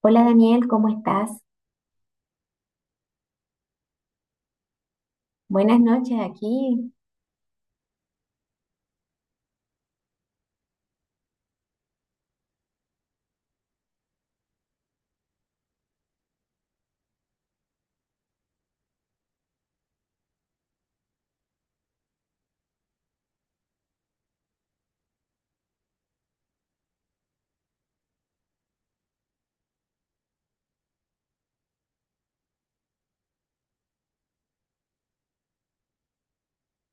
Hola Daniel, ¿cómo estás? Buenas noches aquí.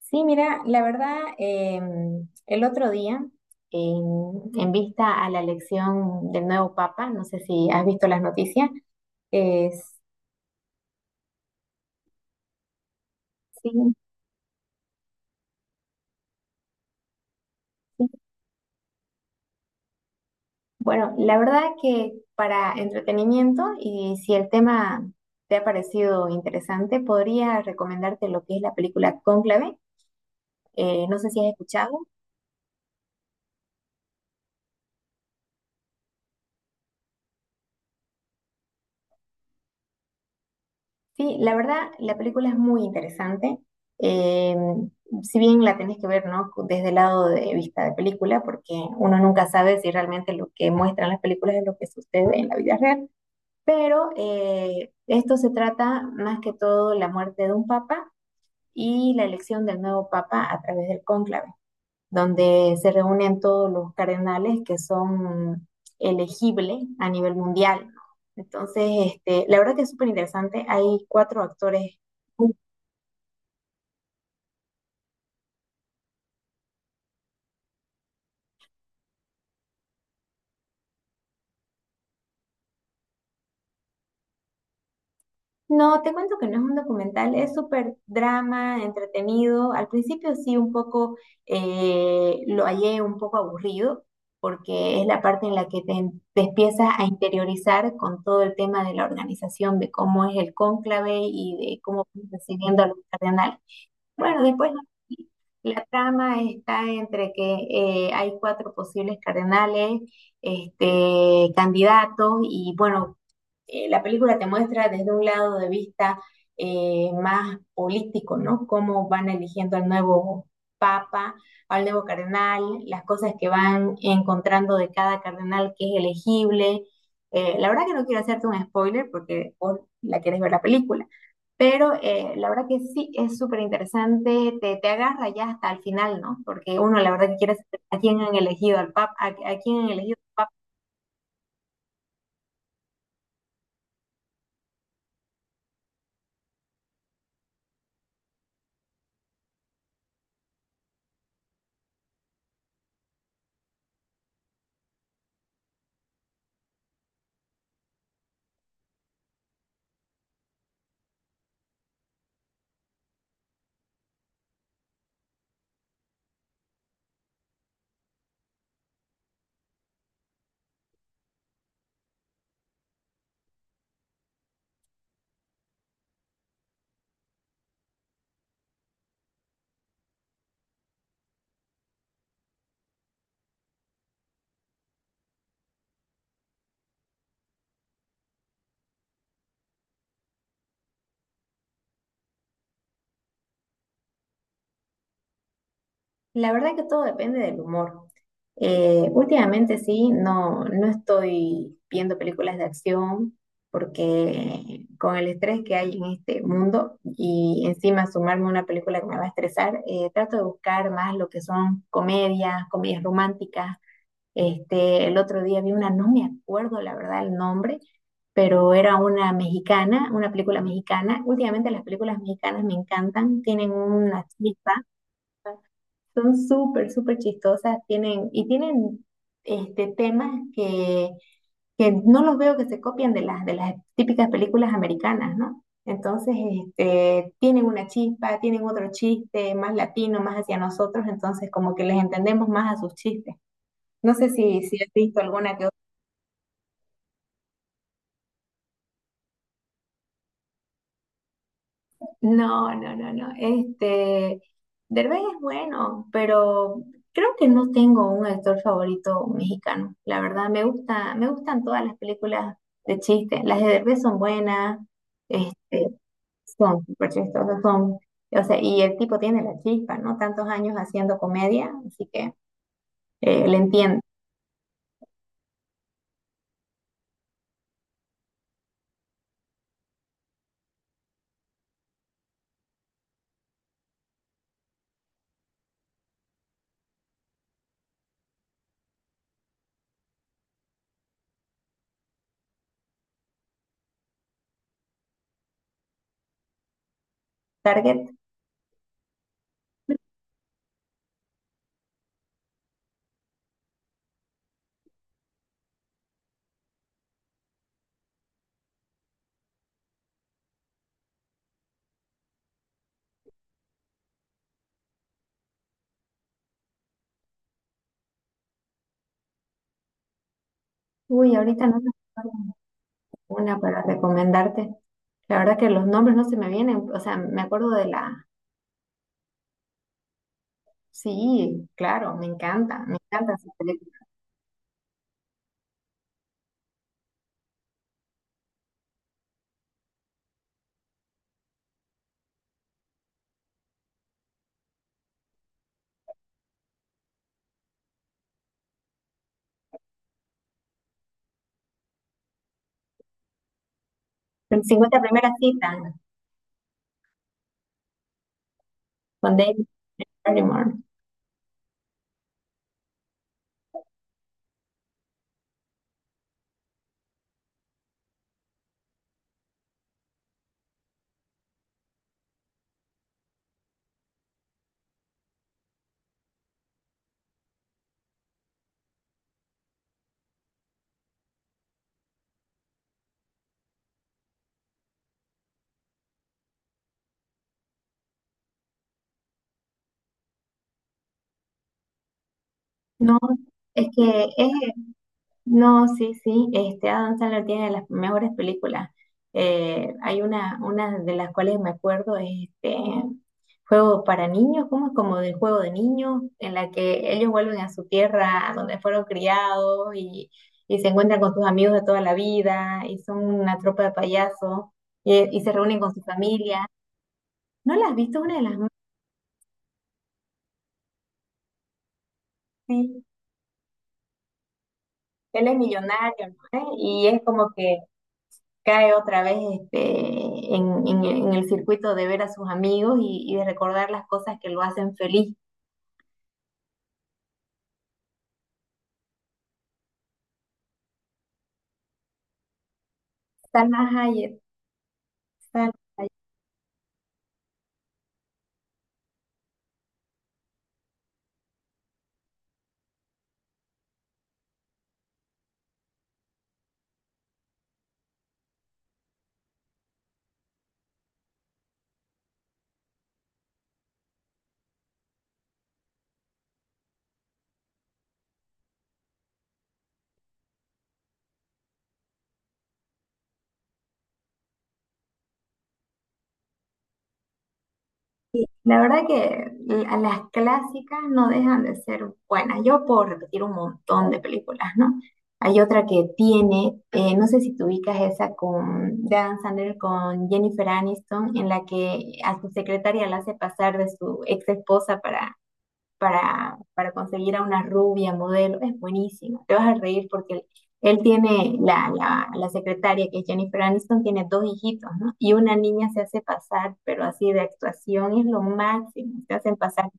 Sí, mira, la verdad, el otro día, em, en vista a la elección del nuevo Papa, no sé si has visto las noticias, es, sí, sí. Bueno, la verdad que para entretenimiento y si el tema te ha parecido interesante, podría recomendarte lo que es la película Cónclave. No sé si has escuchado. Sí, la verdad, la película es muy interesante. Eh, si bien la tenés que ver, ¿no? Desde el lado de vista de película, porque uno nunca sabe si realmente lo que muestran las películas es lo que sucede en la vida real. Pero esto se trata más que todo la muerte de un papa y la elección del nuevo papa a través del cónclave donde se reúnen todos los cardenales que son elegibles a nivel mundial. Entonces, este, la verdad que es súper interesante. Hay cuatro actores. No, te cuento que no es un documental, es súper drama, entretenido. Al principio sí, un poco lo hallé un poco aburrido, porque es la parte en la que te empiezas a interiorizar con todo el tema de la organización, de cómo es el cónclave y de cómo van recibiendo a los cardenales. Bueno, después no, sí, la trama está entre que hay cuatro posibles cardenales, este, candidatos, y bueno, la película te muestra desde un lado de vista más político, ¿no? Cómo van eligiendo al nuevo papa, al nuevo cardenal, las cosas que van encontrando de cada cardenal que es elegible. La verdad que no quiero hacerte un spoiler porque vos la quieres ver la película. Pero la verdad que sí es súper interesante, te agarra ya hasta el final, ¿no? Porque uno la verdad que quiere saber a quién han elegido al papa, a quién han elegido al papa. La verdad que todo depende del humor. Últimamente sí, no, no estoy viendo películas de acción porque con el estrés que hay en este mundo y encima sumarme a una película que me va a estresar, trato de buscar más lo que son comedias, comedias románticas. Este, el otro día vi una, no me acuerdo la verdad el nombre, pero era una mexicana, una película mexicana. Últimamente las películas mexicanas me encantan, tienen una chispa, son súper, súper chistosas, y tienen este, temas que no los veo que se copian de de las típicas películas americanas, ¿no? Entonces, este, tienen una chispa, tienen otro chiste más latino, más hacia nosotros, entonces como que les entendemos más a sus chistes. No sé si has visto alguna que no, no, no, no. Este, Derbez es bueno, pero creo que no tengo un actor favorito mexicano. La verdad, me gusta, me gustan todas las películas de chiste. Las de Derbez son buenas, este, son súper chistosas, o sea, y el tipo tiene la chispa, ¿no? Tantos años haciendo comedia, así que le entiendo. Target, uy, ahorita no me acuerdo una para recomendarte. La verdad que los nombres no se me vienen, o sea, me acuerdo de la. Sí, claro, me encanta esa película. 50 primeras citas con David Barrymore. No, es que es, no, sí, sí, este Adam Sandler tiene las mejores películas. Hay una de las cuales me acuerdo es este juego para niños, ¿cómo es? Como del juego de niños, en la que ellos vuelven a su tierra donde fueron criados y se encuentran con sus amigos de toda la vida y son una tropa de payasos y se reúnen con su familia. ¿No la has visto una de las más? Sí, él es millonario, ¿no? ¿Eh? Y es como que cae otra vez este, en el circuito de ver a sus amigos y de recordar las cosas que lo hacen feliz. Salma Hayek, Salma. La verdad que las clásicas no dejan de ser buenas. Yo puedo repetir un montón de películas, ¿no? Hay otra que tiene, no sé si tú ubicas esa con Dan Sandler, con Jennifer Aniston, en la que a su secretaria la hace pasar de su ex esposa para para conseguir a una rubia modelo, es buenísima. Te vas a reír porque él tiene, la secretaria que es Jennifer Aniston, tiene dos hijitos, ¿no? Y una niña se hace pasar, pero así de actuación es lo máximo, se hacen pasar.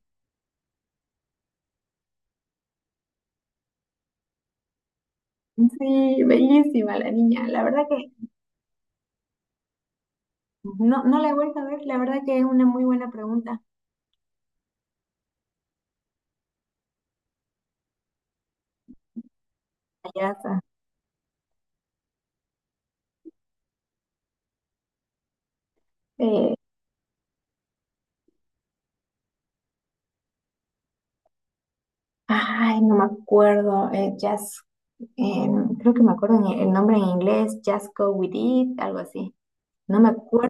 Sí, bellísima la niña. La verdad que no, no la he vuelto a ver, la verdad que es una muy buena pregunta, payasa. Eh, Ay, no me acuerdo, Jazz, eh, creo que me acuerdo el nombre en inglés, Just Go With It, algo así. No me acuerdo.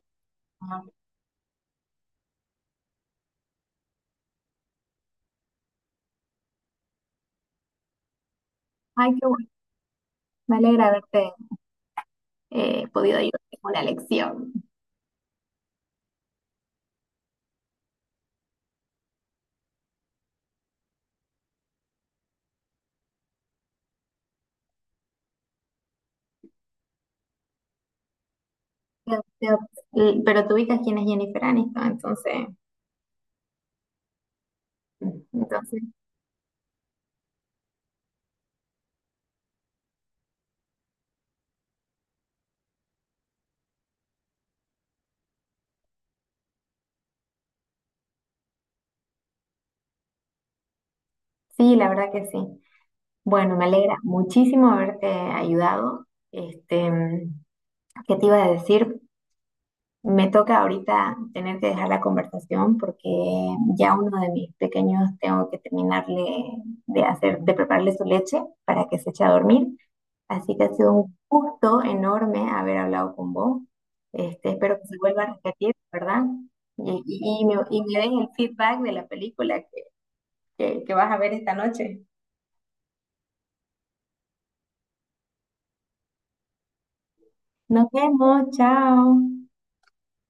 Ay, qué bueno. Me alegra haberte podido ayudarte con la lección. Te- te- Pero tú ubicas quién es Jennifer Aniston, entonces, entonces, sí, la verdad que sí. Bueno, me alegra muchísimo haberte ayudado. Este, ¿qué te iba a decir? Me toca ahorita tener que dejar la conversación porque ya uno de mis pequeños tengo que terminarle de hacer, de prepararle su leche para que se eche a dormir. Así que ha sido un gusto enorme haber hablado con vos. Este, espero que se vuelva a repetir, ¿verdad? Y me den el feedback de la película que, que vas a ver esta noche. Nos vemos, chao.